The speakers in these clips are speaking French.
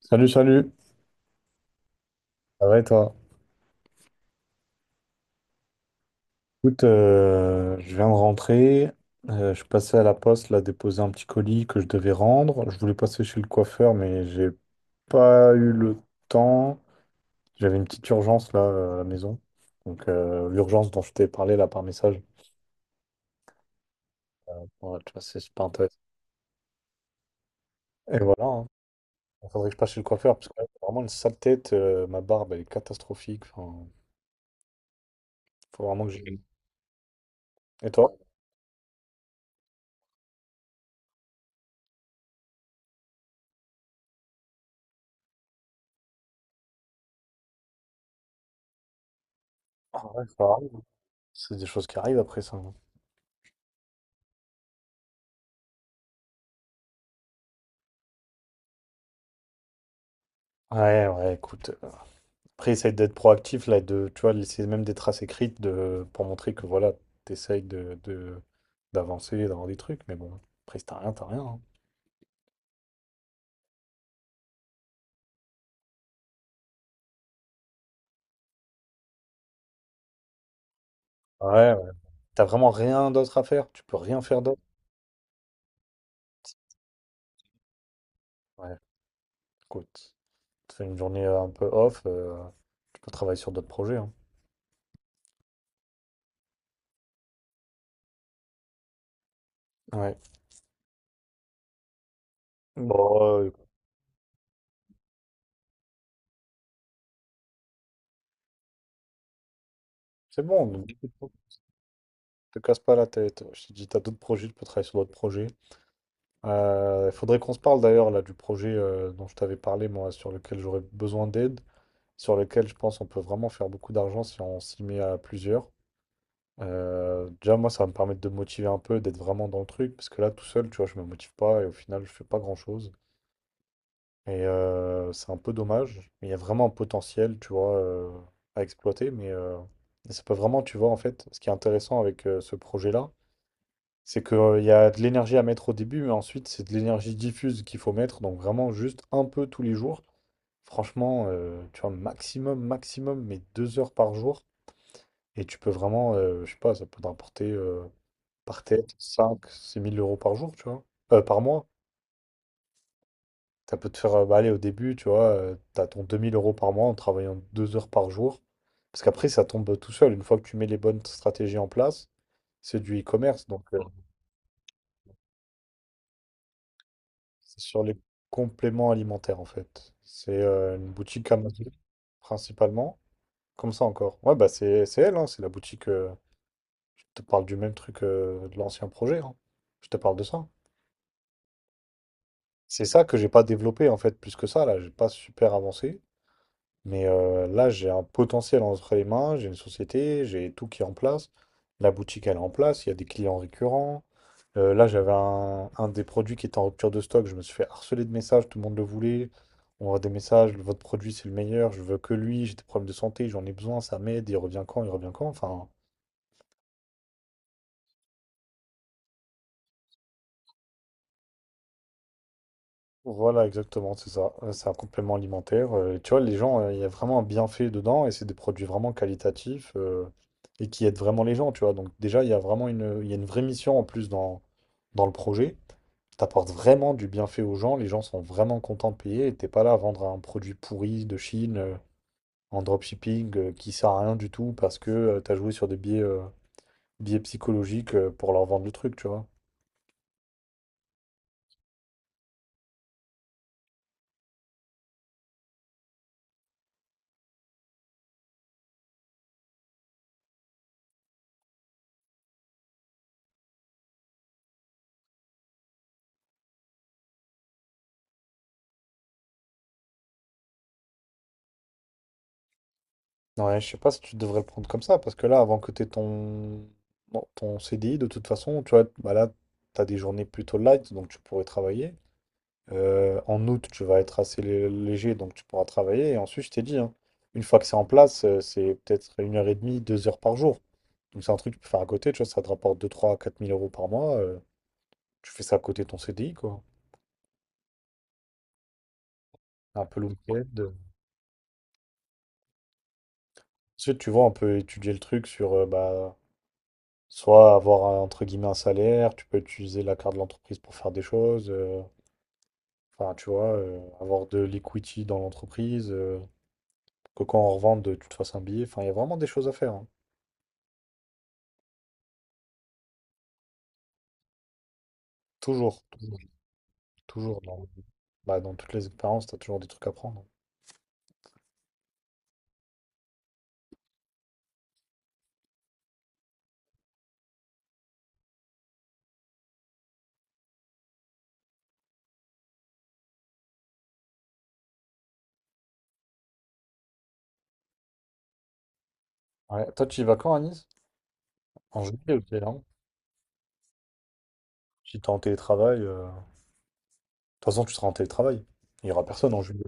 Salut, salut. Ça va et toi? Écoute, je viens de rentrer. Je suis passé à la poste, là, déposer un petit colis que je devais rendre. Je voulais passer chez le coiffeur, mais j'ai pas eu le temps. J'avais une petite urgence, là, à la maison. Donc, l'urgence dont je t'ai parlé, là, par message. Ouais, tu vois, c'est super intéressant. Et voilà, hein. Il faudrait que je passe chez le coiffeur, parce que là, j'ai vraiment une sale tête. Ma barbe, elle est catastrophique. Enfin, faut vraiment que j'y... gagne. Et toi? Ah ouais, ça arrive. C'est des choses qui arrivent après ça, hein. Ouais, ouais, écoute. Après, essaye d'être proactif, là, et de, tu vois, laisser même des traces écrites de, pour montrer que, voilà, t'essayes de, de- d'avancer, d'avoir des trucs, mais bon, après, si t'as rien, t'as rien, hein. Ouais, ouais. T'as vraiment rien d'autre à faire, tu peux rien faire d'autre. Ouais, écoute, tu fais une journée un peu off, tu peux travailler sur d'autres projets, hein. Ouais. Bon, c'est bon, donc, écoute, te casse pas la tête. Je t'ai dit, t'as d'autres projets, tu peux travailler sur d'autres projets. Il faudrait qu'on se parle d'ailleurs, là, du projet dont je t'avais parlé, moi, sur lequel j'aurais besoin d'aide, sur lequel je pense on peut vraiment faire beaucoup d'argent si on s'y met à plusieurs. Déjà, moi, ça va me permettre de me motiver un peu, d'être vraiment dans le truc, parce que là, tout seul, tu vois, je me motive pas et au final, je fais pas grand-chose. Et c'est un peu dommage, mais il y a vraiment un potentiel, tu vois, à exploiter. Mais ça peut vraiment, tu vois, en fait, ce qui est intéressant avec ce projet-là, c'est qu'il y a de l'énergie à mettre au début, mais ensuite, c'est de l'énergie diffuse qu'il faut mettre, donc vraiment juste un peu tous les jours. Franchement, tu vois, maximum, maximum, mais 2 heures par jour. Et tu peux vraiment, je sais pas, ça peut te rapporter par tête cinq 6 mille euros par jour, tu vois. Par mois. Ça peut te faire, bah, aller au début, tu vois, t'as ton 2 000 euros par mois en travaillant 2 heures par jour. Parce qu'après, ça tombe tout seul. Une fois que tu mets les bonnes stratégies en place, c'est du e-commerce. Donc, c'est sur les compléments alimentaires, en fait. C'est une boutique Amazon, principalement. Comme ça encore. Ouais, bah, c'est elle, hein, c'est la boutique. Je te parle du même truc de l'ancien projet, hein. Je te parle de ça. C'est ça que j'ai pas développé en fait plus que ça, là, j'ai pas super avancé. Mais là, j'ai un potentiel entre les mains, j'ai une société, j'ai tout qui est en place. La boutique, elle est en place, il y a des clients récurrents. Là, j'avais un des produits qui était en rupture de stock, je me suis fait harceler de messages, tout le monde le voulait. On voit des messages, votre produit c'est le meilleur, je veux que lui, j'ai des problèmes de santé, j'en ai besoin, ça m'aide, il revient quand, il revient quand. Enfin, voilà, exactement, c'est ça. C'est un complément alimentaire. Tu vois, les gens, il y a vraiment un bienfait dedans et c'est des produits vraiment qualitatifs et qui aident vraiment les gens, tu vois. Donc déjà, il y a vraiment une, il y a une vraie mission en plus dans, dans le projet. Tu apportes vraiment du bienfait aux gens, les gens sont vraiment contents de payer et t'es pas là à vendre un produit pourri de Chine en dropshipping qui sert à rien du tout parce que tu as joué sur des biais, biais psychologiques pour leur vendre le truc, tu vois. Ouais, je sais pas si tu devrais le prendre comme ça, parce que là, avant que t'aies ton... bon, ton CDI, de toute façon, tu vois, bah là, t'as des journées plutôt light, donc tu pourrais travailler. En août, tu vas être assez léger, donc tu pourras travailler. Et ensuite, je t'ai dit, hein, une fois que c'est en place, c'est peut-être une heure et demie, 2 heures par jour. Donc c'est un truc que tu peux faire à côté, tu vois, ça te rapporte deux, trois, 4 000 euros par mois. Tu fais ça à côté de ton CDI, quoi. Un peu le week-end. Ensuite, tu vois, on peut étudier le truc sur... bah, soit avoir entre guillemets un salaire, tu peux utiliser la carte de l'entreprise pour faire des choses, enfin tu vois, avoir de l'equity dans l'entreprise, pour que quand on revende, tu te fasses un billet, enfin il y a vraiment des choses à faire, hein. Toujours, toujours, toujours. Dans, bah, dans toutes les expériences, tu as toujours des trucs à prendre. Ouais. Toi, tu y vas quand à Nice? En juillet, ok, non? Si t'es en télétravail, de toute façon tu seras en télétravail. Il n'y aura personne en juillet.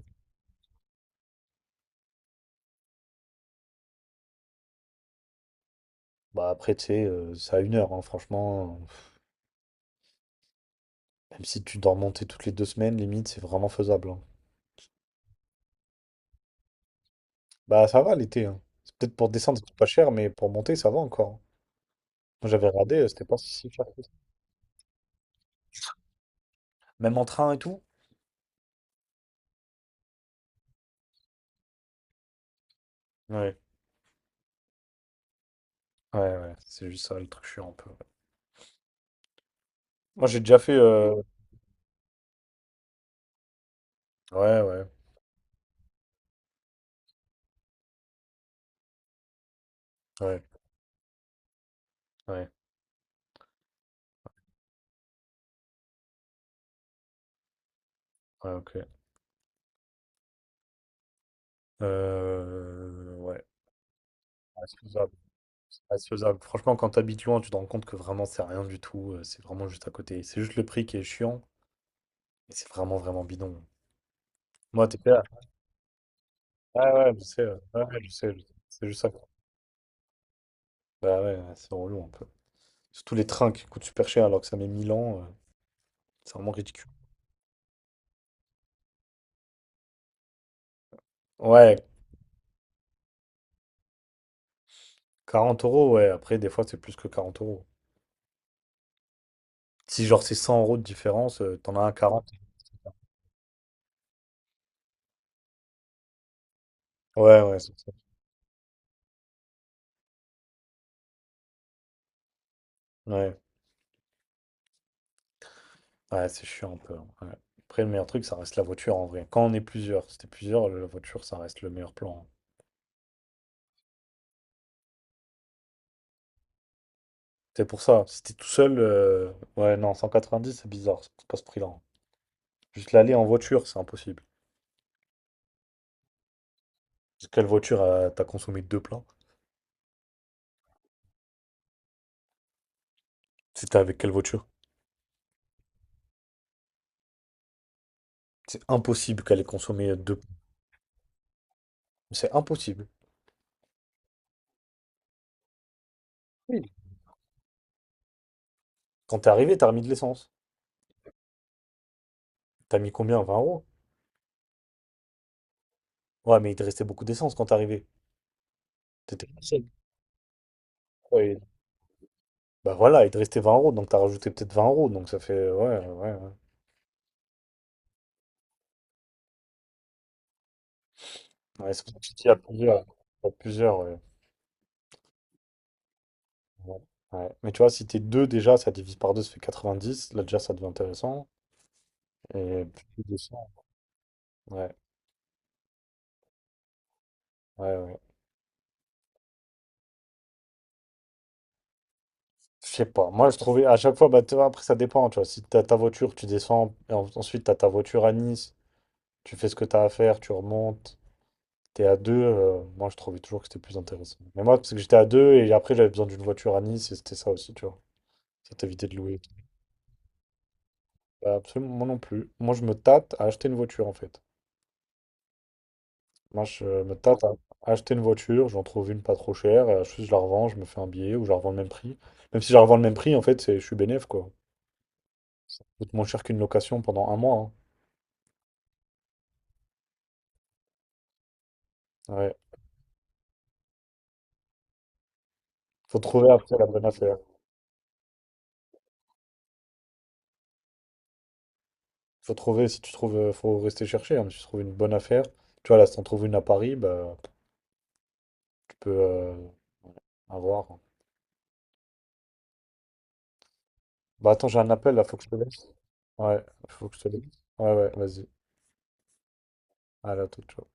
Bah après, tu sais, c'est à une heure, hein, franchement. Même si tu dois remonter toutes les 2 semaines, limite, c'est vraiment faisable, hein. Bah ça va l'été, hein. C'est peut-être pour descendre, c'est pas cher, mais pour monter, ça va encore. Moi j'avais regardé, c'était pas si cher que ça. Même en train et tout? Ouais, ouais, ouais. C'est juste ça, le truc chiant un peu. Moi j'ai déjà fait. Ouais, ouais, ouais, ouais, ouais, ok. Ouais, ouais, c'est faisable. Ouais, c'est faisable. Franchement, quand t'habites loin, tu te rends compte que vraiment, c'est rien du tout. C'est vraiment juste à côté. C'est juste le prix qui est chiant. Et c'est vraiment, vraiment bidon. Moi, t'es là. Ouais, ouais, je sais. Ouais, ouais, je sais, je sais. C'est juste ça, quoi. Bah ouais, ouais, c'est relou un peu. Surtout les trains qui coûtent super cher alors que ça met 1000 ans, c'est vraiment ridicule. Ouais, 40 euros, ouais. Après, des fois, c'est plus que 40 euros. Si genre c'est 100 euros de différence, t'en as un à 40. Ouais, ouais, c'est ça. Ouais, ouais, c'est chiant un peu, hein, ouais. Après, le meilleur truc, ça reste la voiture en vrai. Quand on est plusieurs, si t'es plusieurs, la voiture, ça reste le meilleur plan, hein. C'est pour ça. Si t'es tout seul, ouais, non, 190, c'est bizarre. C'est pas ce prix-là, hein. Juste l'aller en voiture, c'est impossible. Parce que quelle voiture t'as consommé deux plans? C'était avec quelle voiture? C'est impossible qu'elle ait consommé deux. C'est impossible. Oui. Quand t'es arrivé, t'as remis de l'essence. T'as mis combien? 20 euros? Ouais, mais il te restait beaucoup d'essence quand t'es arrivé. T'étais pas seul. Ouais. Bah voilà, il te restait 20 euros, donc t'as rajouté peut-être 20 euros, donc ça fait... Ouais, ouais, ouais. Ouais, c'est pour ça que je dis à plusieurs. À plusieurs, ouais. Ouais. Ouais. Mais tu vois, si t'es deux déjà, ça divise par deux, ça fait 90. Là, déjà, ça devient intéressant. Et plus de 100. Ouais, ouais, ouais. Je sais pas. Moi, je trouvais à chaque fois, bah, tu vois, après, ça dépend. Tu vois, si t'as ta voiture, tu descends, et ensuite, t'as ta voiture à Nice. Tu fais ce que t'as à faire, tu remontes. T'es à deux, moi je trouvais toujours que c'était plus intéressant. Mais moi, parce que j'étais à deux et après j'avais besoin d'une voiture à Nice et c'était ça aussi, tu vois. Ça t'évitait de louer. Bah, absolument, moi non plus. Moi je me tâte à acheter une voiture en fait. Moi je me tâte à acheter une voiture, j'en trouve une pas trop chère, juste je la revends, je me fais un billet ou je la revends le même prix. Même si je la revends le même prix, en fait, c'est, je suis bénéf quoi. Ça coûte moins cher qu'une location pendant un mois, hein. Ouais. Faut trouver après la bonne affaire. Faut trouver, si tu trouves, faut rester chercher, hein, mais si tu trouves une bonne affaire, tu vois, là, si t'en trouves une à Paris, bah, tu peux avoir, hein. Bah attends, j'ai un appel là, faut que je te laisse. Ouais, faut que je te laisse. Ouais, ouais, vas-y. À la toute, ciao.